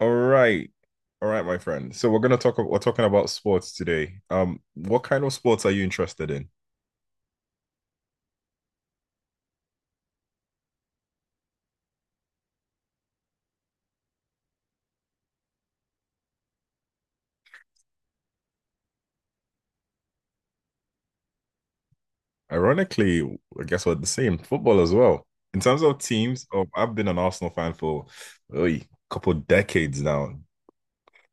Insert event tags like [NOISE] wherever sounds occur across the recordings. All right. All right, my friend. So we're talking about sports today. What kind of sports are you interested in? Ironically, I guess we're the same, football as well. In terms of teams, I've been an Arsenal fan for a couple decades now.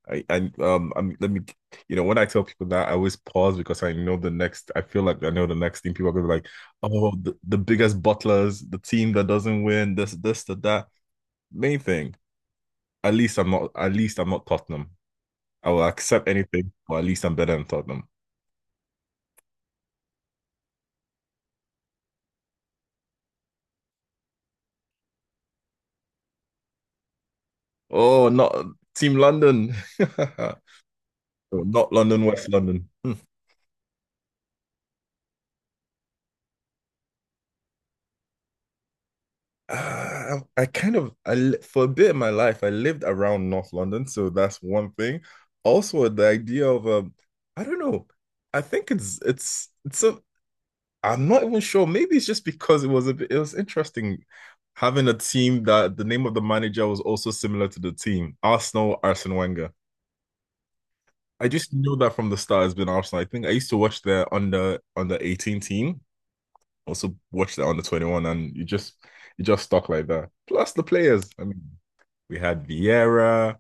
Let me when I tell people that I always pause because I feel like I know the next thing people are gonna be like, oh the biggest butlers, the team that doesn't win, this, that, that. Main thing, at least I'm not Tottenham. I will accept anything, or at least I'm better than Tottenham. Oh, not Team London. [LAUGHS] Oh, not London, West London. Hmm. Uh, I, kind of, for a bit of my life, I lived around North London, so that's one thing. Also, the idea of, I don't know, I think it's a, I'm not even sure. Maybe it's just because it was interesting having a team that the name of the manager was also similar to the team, Arsenal, Arsene Wenger. I just know that from the start has been Arsenal. I think I used to watch their under 18 team, also watch their under 21, and you just stuck like that. Plus the players. I mean, we had Vieira,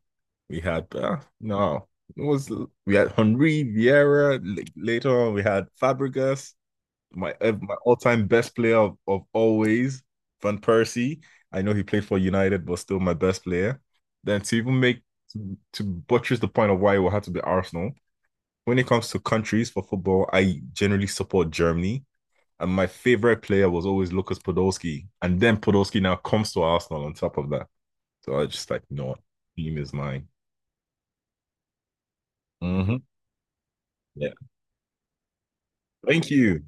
we had no, it was we had Henry Vieira. Later on, we had Fabregas, my all time best player of always, Van Persie. I know he played for United, but still my best player. Then to even make to buttress the point of why it will have to be Arsenal when it comes to countries for football, I generally support Germany. And my favorite player was always Lukas Podolski. And then Podolski now comes to Arsenal on top of that. So I just like, you know what? Team is mine. Mm-hmm. Yeah. Thank you.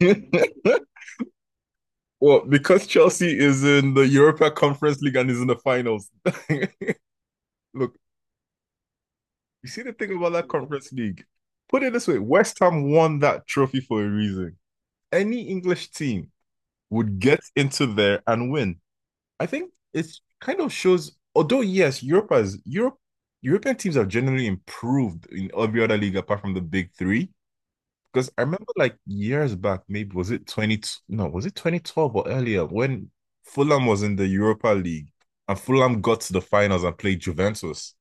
[LAUGHS] Well, because Chelsea is in the Europa Conference League and is in the finals. [LAUGHS] Look, you see the thing about that Conference League? Put it this way, West Ham won that trophy for a reason. Any English team would get into there and win. I think it's kind of shows, although yes, Europe has Europe European teams have generally improved in every other league apart from the big three. Because I remember like years back, maybe was it 20, no, was it 2012 or earlier when Fulham was in the Europa League and Fulham got to the finals and played Juventus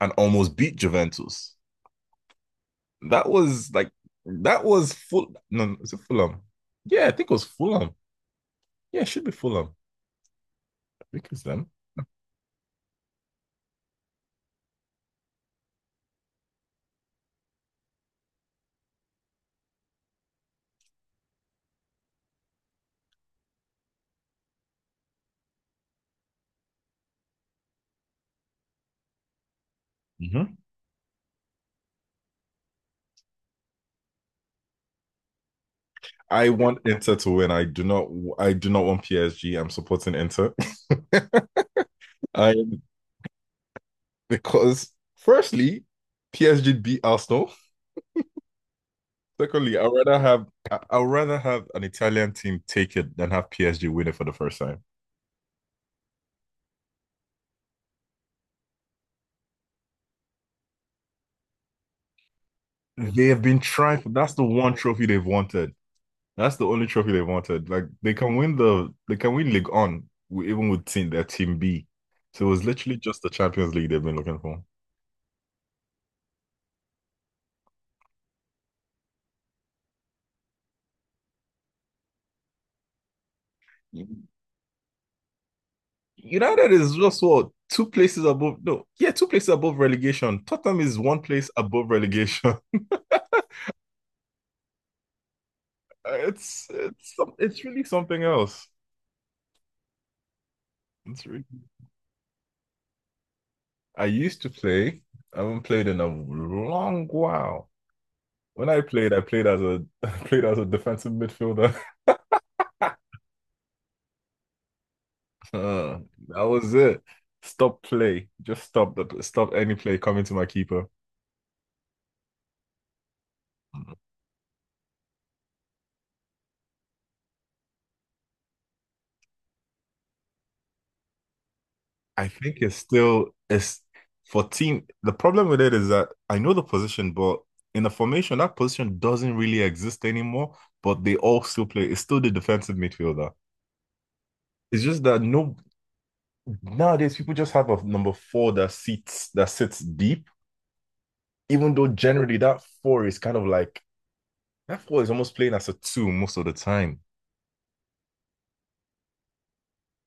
and almost beat Juventus. That was like that was full no, is it Fulham? Yeah, I think it was Fulham. Yeah, it should be Fulham. I think it's them. Mm-hmm. I want Inter to win. I do not. I do not want PSG. I'm supporting Inter. [LAUGHS] I because firstly, PSG beat Arsenal. Secondly, I'd rather have I- would rather have an Italian team take it than have PSG win it for the first time. They have been trying for that's the one trophy they've wanted. That's the only trophy they wanted. Like they can win League On even with team their team B. So it was literally just the Champions League they've been looking for. United is just what two places above. No, yeah, two places above relegation. Tottenham is one place above relegation. [LAUGHS] It's really something else. It's really. I used to play. I haven't played in a long while. When I played as a [LAUGHS] I played as a defensive midfielder. [LAUGHS] Uh, that was it. Stop play. Just stop the stop any play coming to my keeper. I think it's still it's for team. The problem with it is that I know the position, but in the formation, that position doesn't really exist anymore. But they all still play. It's still the defensive midfielder. It's just that no nowadays people just have a number four that sits deep. Even though generally that four is kind of like that four is almost playing as a two most of the time.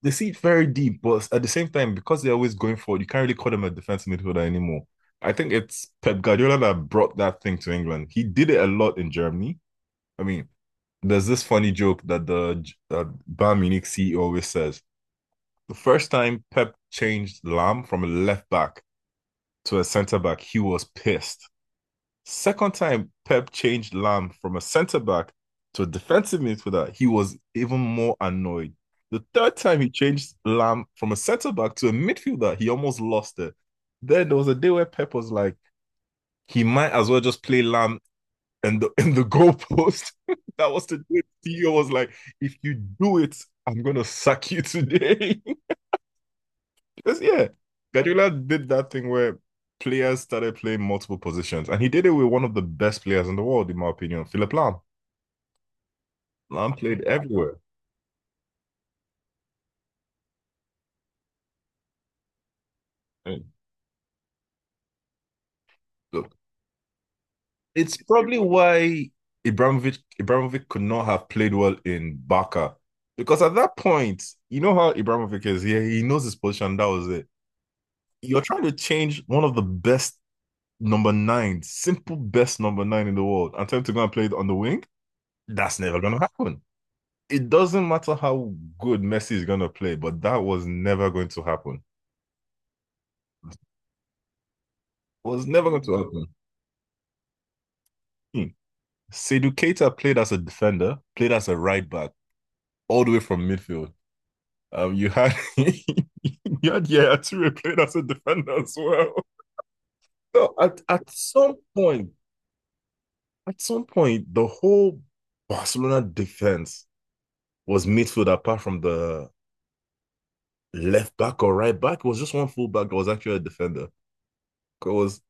They see it very deep, but at the same time, because they're always going forward, you can't really call them a defensive midfielder anymore. I think it's Pep Guardiola that brought that thing to England. He did it a lot in Germany. I mean, there's this funny joke that the that Bayern Munich CEO always says. The first time Pep changed Lam from a left back to a centre back, he was pissed. Second time Pep changed Lam from a centre back to a defensive midfielder, he was even more annoyed. The third time he changed Lam from a centre back to a midfielder, he almost lost it. Then there was a day where Pep was like, he might as well just play Lam and the in the goalpost. [LAUGHS] That was the day Theo was like, if you do it, I'm gonna sack you today. [LAUGHS] It's, yeah, Guardiola did that thing where players started playing multiple positions, and he did it with one of the best players in the world, in my opinion, Philip Lahm. Lahm played everywhere. I mean, look, it's probably why Ibrahimovic could not have played well in Barca because at that point, you know how Ibrahimovic is. Yeah, he knows his position. That was it. You're trying to change one of the best number nine in the world, and tell him to go and play it on the wing. That's never gonna happen. It doesn't matter how good Messi is gonna play, but that was never going to happen. It was never going to happen. Hmm. Seydou Keita played as a defender, played as a right back, all the way from midfield. You had [LAUGHS] you had Yaya Toure played as a defender as well. So at some point, the whole Barcelona defense was midfield apart from the left back or right back. It was just one full back that was actually a defender. It was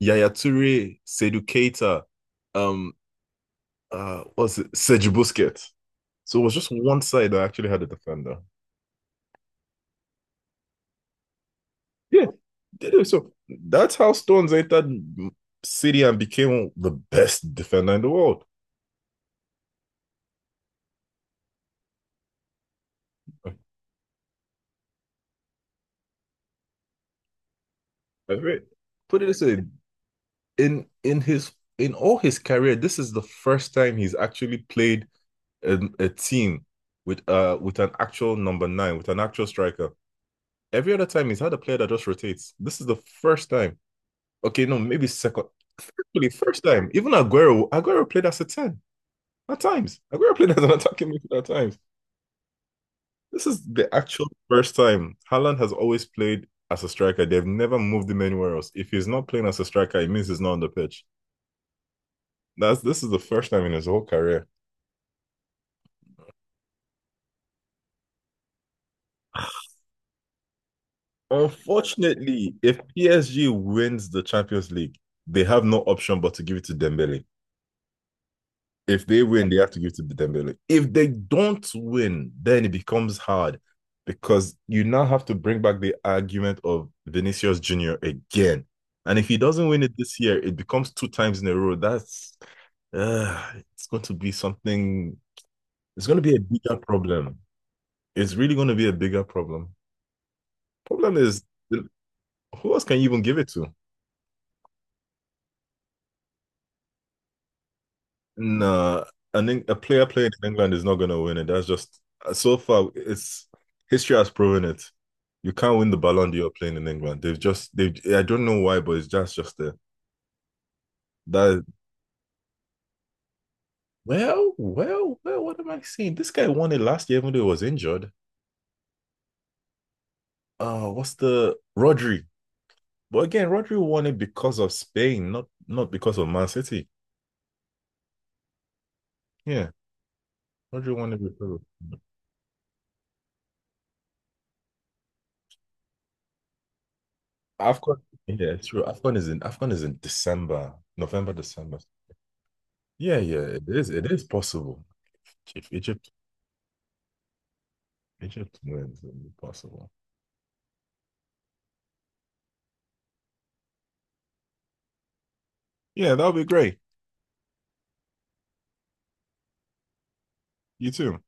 Yaya Toure, Seydou Keita, um, what's it, Serge Busquets. So it was just one side that actually had a defender. Yeah, did it. So that's how Stones entered City and became the best defender in the world. That's right. Put it this way: in his in all his career, this is the first time he's actually played a team with an actual number nine, with an actual striker. Every other time he's had a player that just rotates. This is the first time. Okay, no, maybe second. Actually, first time. Even Aguero played as a 10 at times. Aguero played as an attacking midfielder at times. This is the actual first time. Haaland has always played as a striker. They've never moved him anywhere else. If he's not playing as a striker, it means he's not on the pitch. That's this is the first time in his whole career. Unfortunately, if PSG wins the Champions League, they have no option but to give it to Dembele. If they win, they have to give to the Dembele. If they don't win, then it becomes hard because you now have to bring back the argument of Vinicius Junior again. And if he doesn't win it this year, it becomes two times in a row. That's it's going to be something. It's going to be a bigger problem. It's really going to be a bigger problem. Problem is, who else can you even give it to? Nah, a player playing in England is not going to win it. That's just so far. It's history has proven it. You can't win the Ballon d'Or playing in England. They've just they. I don't know why, but it's just there. That well, well, well. What am I saying? This guy won it last year, even though he was injured. What's the Rodri? But again, Rodri won it because of Spain, not because of Man City. Yeah, Rodri won it because of AFCON. Yeah, it's true. AFCON is in December, November, December. Yeah, yeah, it is. It is possible. If Egypt, Egypt wins, it will be possible. Yeah, that would be great. You too.